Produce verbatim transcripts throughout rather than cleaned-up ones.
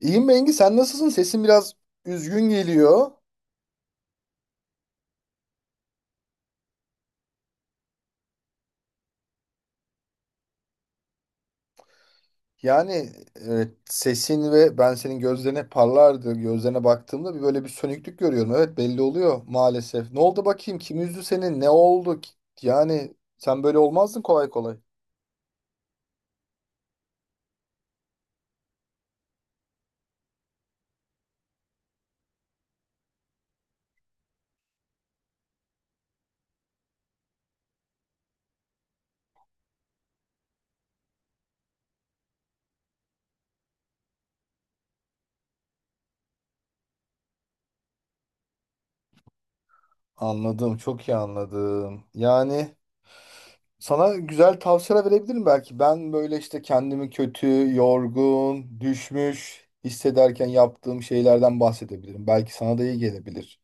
İyiyim Bengi, sen nasılsın? Sesin biraz üzgün geliyor. Yani evet, sesin ve ben senin gözlerine parlardı. Gözlerine baktığımda bir böyle bir sönüklük görüyorum. Evet belli oluyor maalesef. Ne oldu bakayım? Kim üzdü seni? Ne oldu? Yani sen böyle olmazdın kolay kolay. Anladım, çok iyi anladım. Yani sana güzel tavsiyeler verebilirim belki. Ben böyle işte kendimi kötü, yorgun, düşmüş hissederken yaptığım şeylerden bahsedebilirim. Belki sana da iyi gelebilir.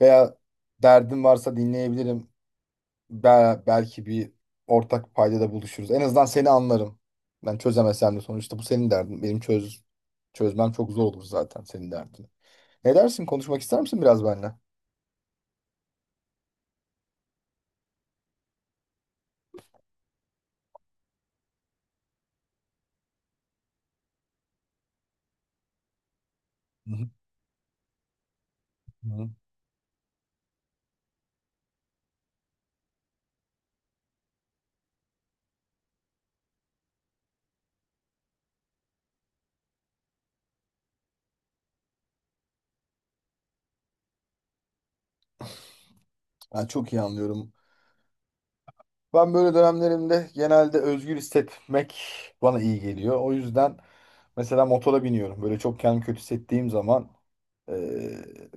Veya derdin varsa dinleyebilirim. Bel- belki bir ortak paydada buluşuruz. En azından seni anlarım. Ben çözemesem de sonuçta bu senin derdin. Benim çöz çözmem çok zor olur zaten senin derdini. Ne dersin? Konuşmak ister misin biraz benimle? Hı hı. Hı. Ben çok iyi anlıyorum. Ben böyle dönemlerimde genelde özgür hissetmek bana iyi geliyor. O yüzden mesela motora biniyorum. Böyle çok kendimi kötü hissettiğim zaman Ee,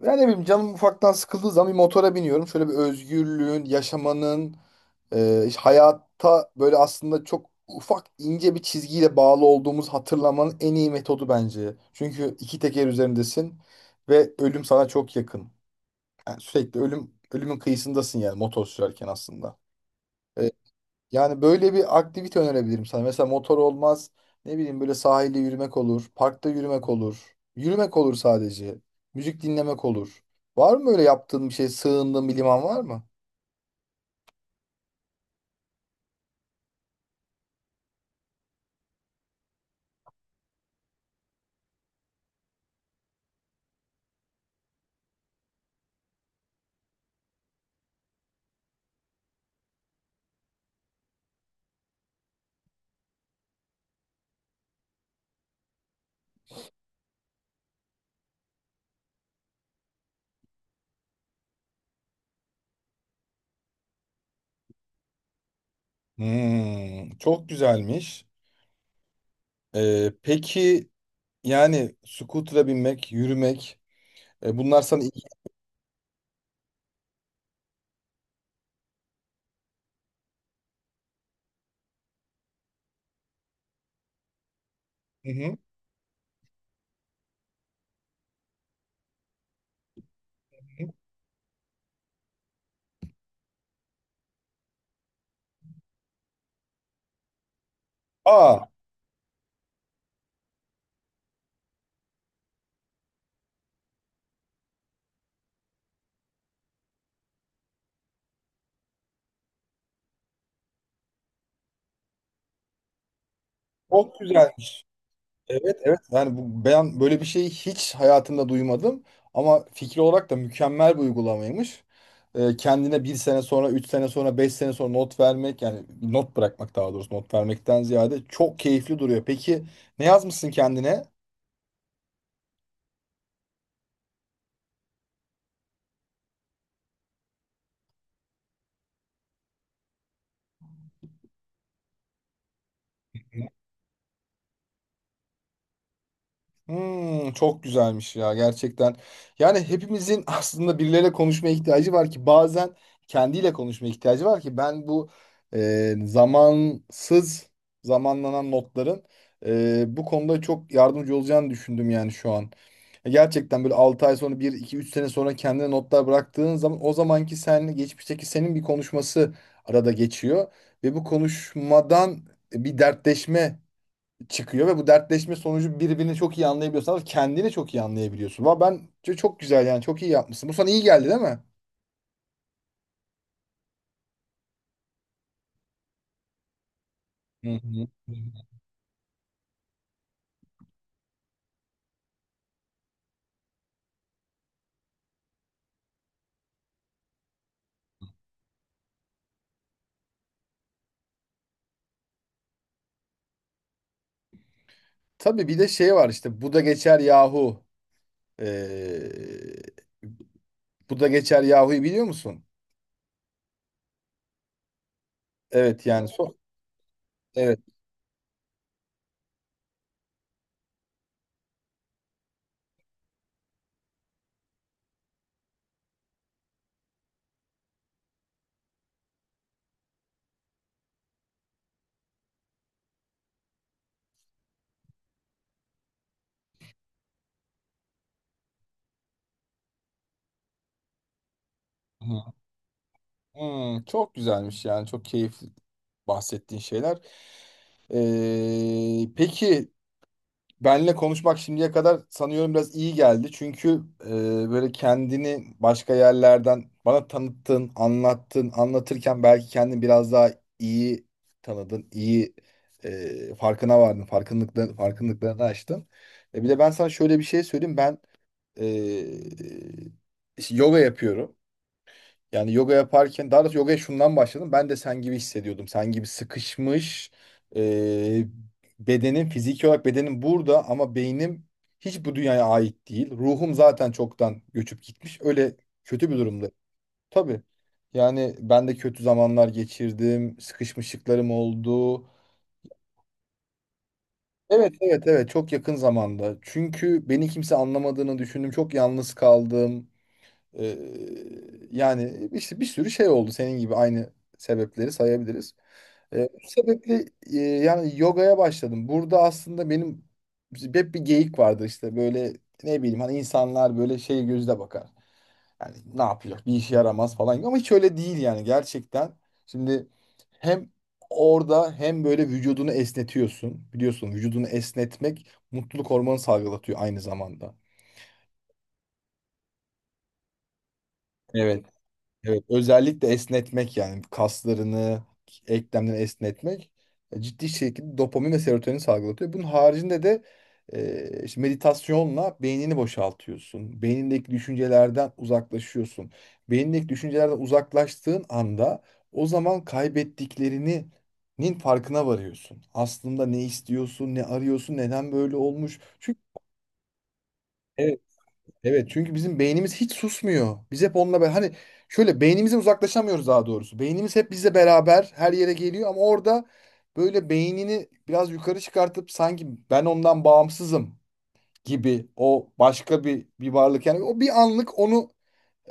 yani ne bileyim canım ufaktan sıkıldığı zaman bir motora biniyorum. Şöyle bir özgürlüğün, yaşamanın, e, işte hayata böyle aslında çok ufak ince bir çizgiyle bağlı olduğumuz hatırlamanın en iyi metodu bence. Çünkü iki teker üzerindesin ve ölüm sana çok yakın. Yani sürekli ölüm ölümün kıyısındasın yani motor sürerken aslında. Ee, Yani böyle bir aktivite önerebilirim sana. Mesela motor olmaz. Ne bileyim böyle sahilde yürümek olur. Parkta yürümek olur. Yürümek olur sadece. Müzik dinlemek olur. Var mı böyle yaptığın bir şey, sığındığın bir liman var mı? Hmm, çok güzelmiş. Ee, peki yani scooter'a binmek, yürümek e, bunlar sana... Hı hı. Aa, çok güzelmiş. Evet evet yani bu, ben böyle bir şeyi hiç hayatımda duymadım ama fikri olarak da mükemmel bir uygulamaymış. Ee, kendine bir sene sonra, üç sene sonra, beş sene sonra not vermek yani not bırakmak daha doğrusu not vermekten ziyade çok keyifli duruyor. Peki ne yazmışsın kendine? Hmm, çok güzelmiş ya gerçekten. Yani hepimizin aslında birileriyle konuşmaya ihtiyacı var ki bazen kendiyle konuşmaya ihtiyacı var ki ben bu e, zamansız zamanlanan notların e, bu konuda çok yardımcı olacağını düşündüm yani şu an. E, Gerçekten böyle altı ay sonra bir iki üç sene sonra kendine notlar bıraktığın zaman o zamanki seninle geçmişteki senin bir konuşması arada geçiyor. Ve bu konuşmadan bir dertleşme çıkıyor ve bu dertleşme sonucu birbirini çok iyi anlayabiliyorsanız kendini çok iyi anlayabiliyorsun. Valla ben çok çok güzel yani çok iyi yapmışsın. Bu sana iyi geldi değil mi? Hı hı. Tabii bir de şey var işte bu da geçer yahu. Ee, Bu da geçer yahu'yu biliyor musun? Evet yani so evet. Hı. Hmm, çok güzelmiş yani çok keyifli bahsettiğin şeyler. Ee, peki Benle konuşmak şimdiye kadar sanıyorum biraz iyi geldi. Çünkü e, böyle kendini başka yerlerden bana tanıttın, anlattın, anlatırken belki kendini biraz daha iyi tanıdın, iyi e, farkına vardın, farkındalıklarını, farkındalıklarını açtın. E, bir de ben sana şöyle bir şey söyleyeyim. Ben e, işte yoga yapıyorum. Yani yoga yaparken daha doğrusu yogaya şundan başladım. Ben de sen gibi hissediyordum. Sen gibi sıkışmış e, bedenin fiziki olarak bedenim burada ama beynim hiç bu dünyaya ait değil. Ruhum zaten çoktan göçüp gitmiş. Öyle kötü bir durumda. Tabii. Yani ben de kötü zamanlar geçirdim. Sıkışmışlıklarım oldu. Evet evet evet çok yakın zamanda. Çünkü beni kimse anlamadığını düşündüm. Çok yalnız kaldım. Ee, Yani işte bir sürü şey oldu senin gibi aynı sebepleri sayabiliriz. Ee, bu sebeple e, yani yogaya başladım. Burada aslında benim hep bir geyik vardır işte böyle ne bileyim hani insanlar böyle şey gözle bakar. Yani ne yapacak bir işe yaramaz falan gibi ama hiç öyle değil yani gerçekten. Şimdi hem orada hem böyle vücudunu esnetiyorsun. Biliyorsun vücudunu esnetmek mutluluk hormonu salgılatıyor aynı zamanda. Evet. Evet, özellikle esnetmek yani kaslarını, eklemleri esnetmek e, ciddi şekilde dopamin ve serotonin salgılatıyor. Bunun haricinde de e, işte meditasyonla beynini boşaltıyorsun. Beynindeki düşüncelerden uzaklaşıyorsun. Beynindeki düşüncelerden uzaklaştığın anda o zaman kaybettiklerinin farkına varıyorsun. Aslında ne istiyorsun, ne arıyorsun, neden böyle olmuş. Çünkü evet çünkü bizim beynimiz hiç susmuyor. Biz hep onunla beraber hani şöyle beynimize uzaklaşamıyoruz daha doğrusu. Beynimiz hep bizle beraber her yere geliyor ama orada böyle beynini biraz yukarı çıkartıp sanki ben ondan bağımsızım gibi o başka bir bir varlık yani o bir anlık onu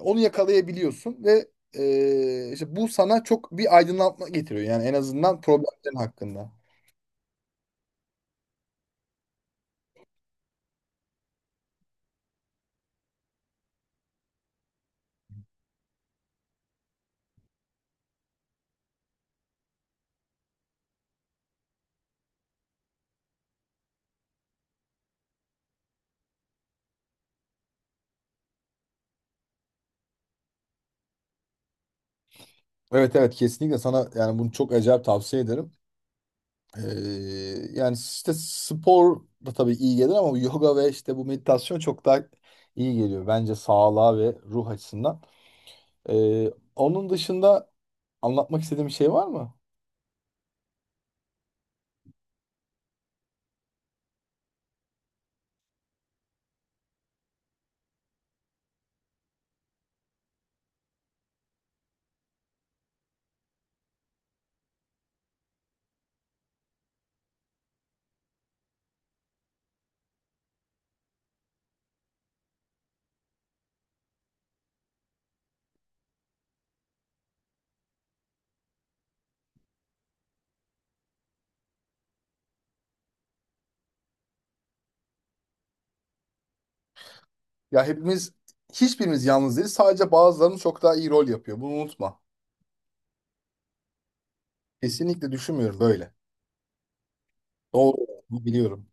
onu yakalayabiliyorsun ve e, işte bu sana çok bir aydınlatma getiriyor yani en azından problemlerin hakkında. Evet evet kesinlikle sana yani bunu çok acayip tavsiye ederim. Ee, Yani işte spor da tabii iyi gelir ama yoga ve işte bu meditasyon çok daha iyi geliyor bence sağlığa ve ruh açısından. Ee, Onun dışında anlatmak istediğim bir şey var mı? Ya hepimiz hiçbirimiz yalnız değiliz. Sadece bazılarımız çok daha iyi rol yapıyor. Bunu unutma. Kesinlikle düşünmüyorum böyle. Doğru olduğunu biliyorum.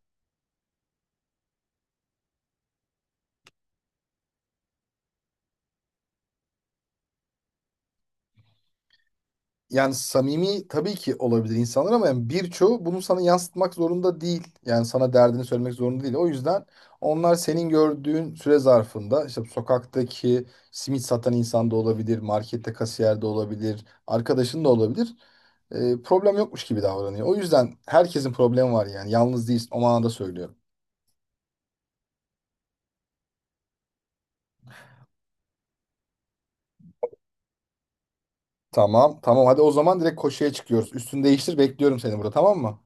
Yani samimi tabii ki olabilir insanlar ama yani birçoğu bunu sana yansıtmak zorunda değil. Yani sana derdini söylemek zorunda değil. O yüzden onlar senin gördüğün süre zarfında işte sokaktaki simit satan insan da olabilir, markette kasiyer de olabilir, arkadaşın da olabilir. Ee, problem yokmuş gibi davranıyor. O yüzden herkesin problemi var yani. Yalnız değilsin. O manada söylüyorum. Tamam, tamam. Hadi o zaman direkt koşuya çıkıyoruz. Üstünü değiştir, bekliyorum seni burada, tamam mı?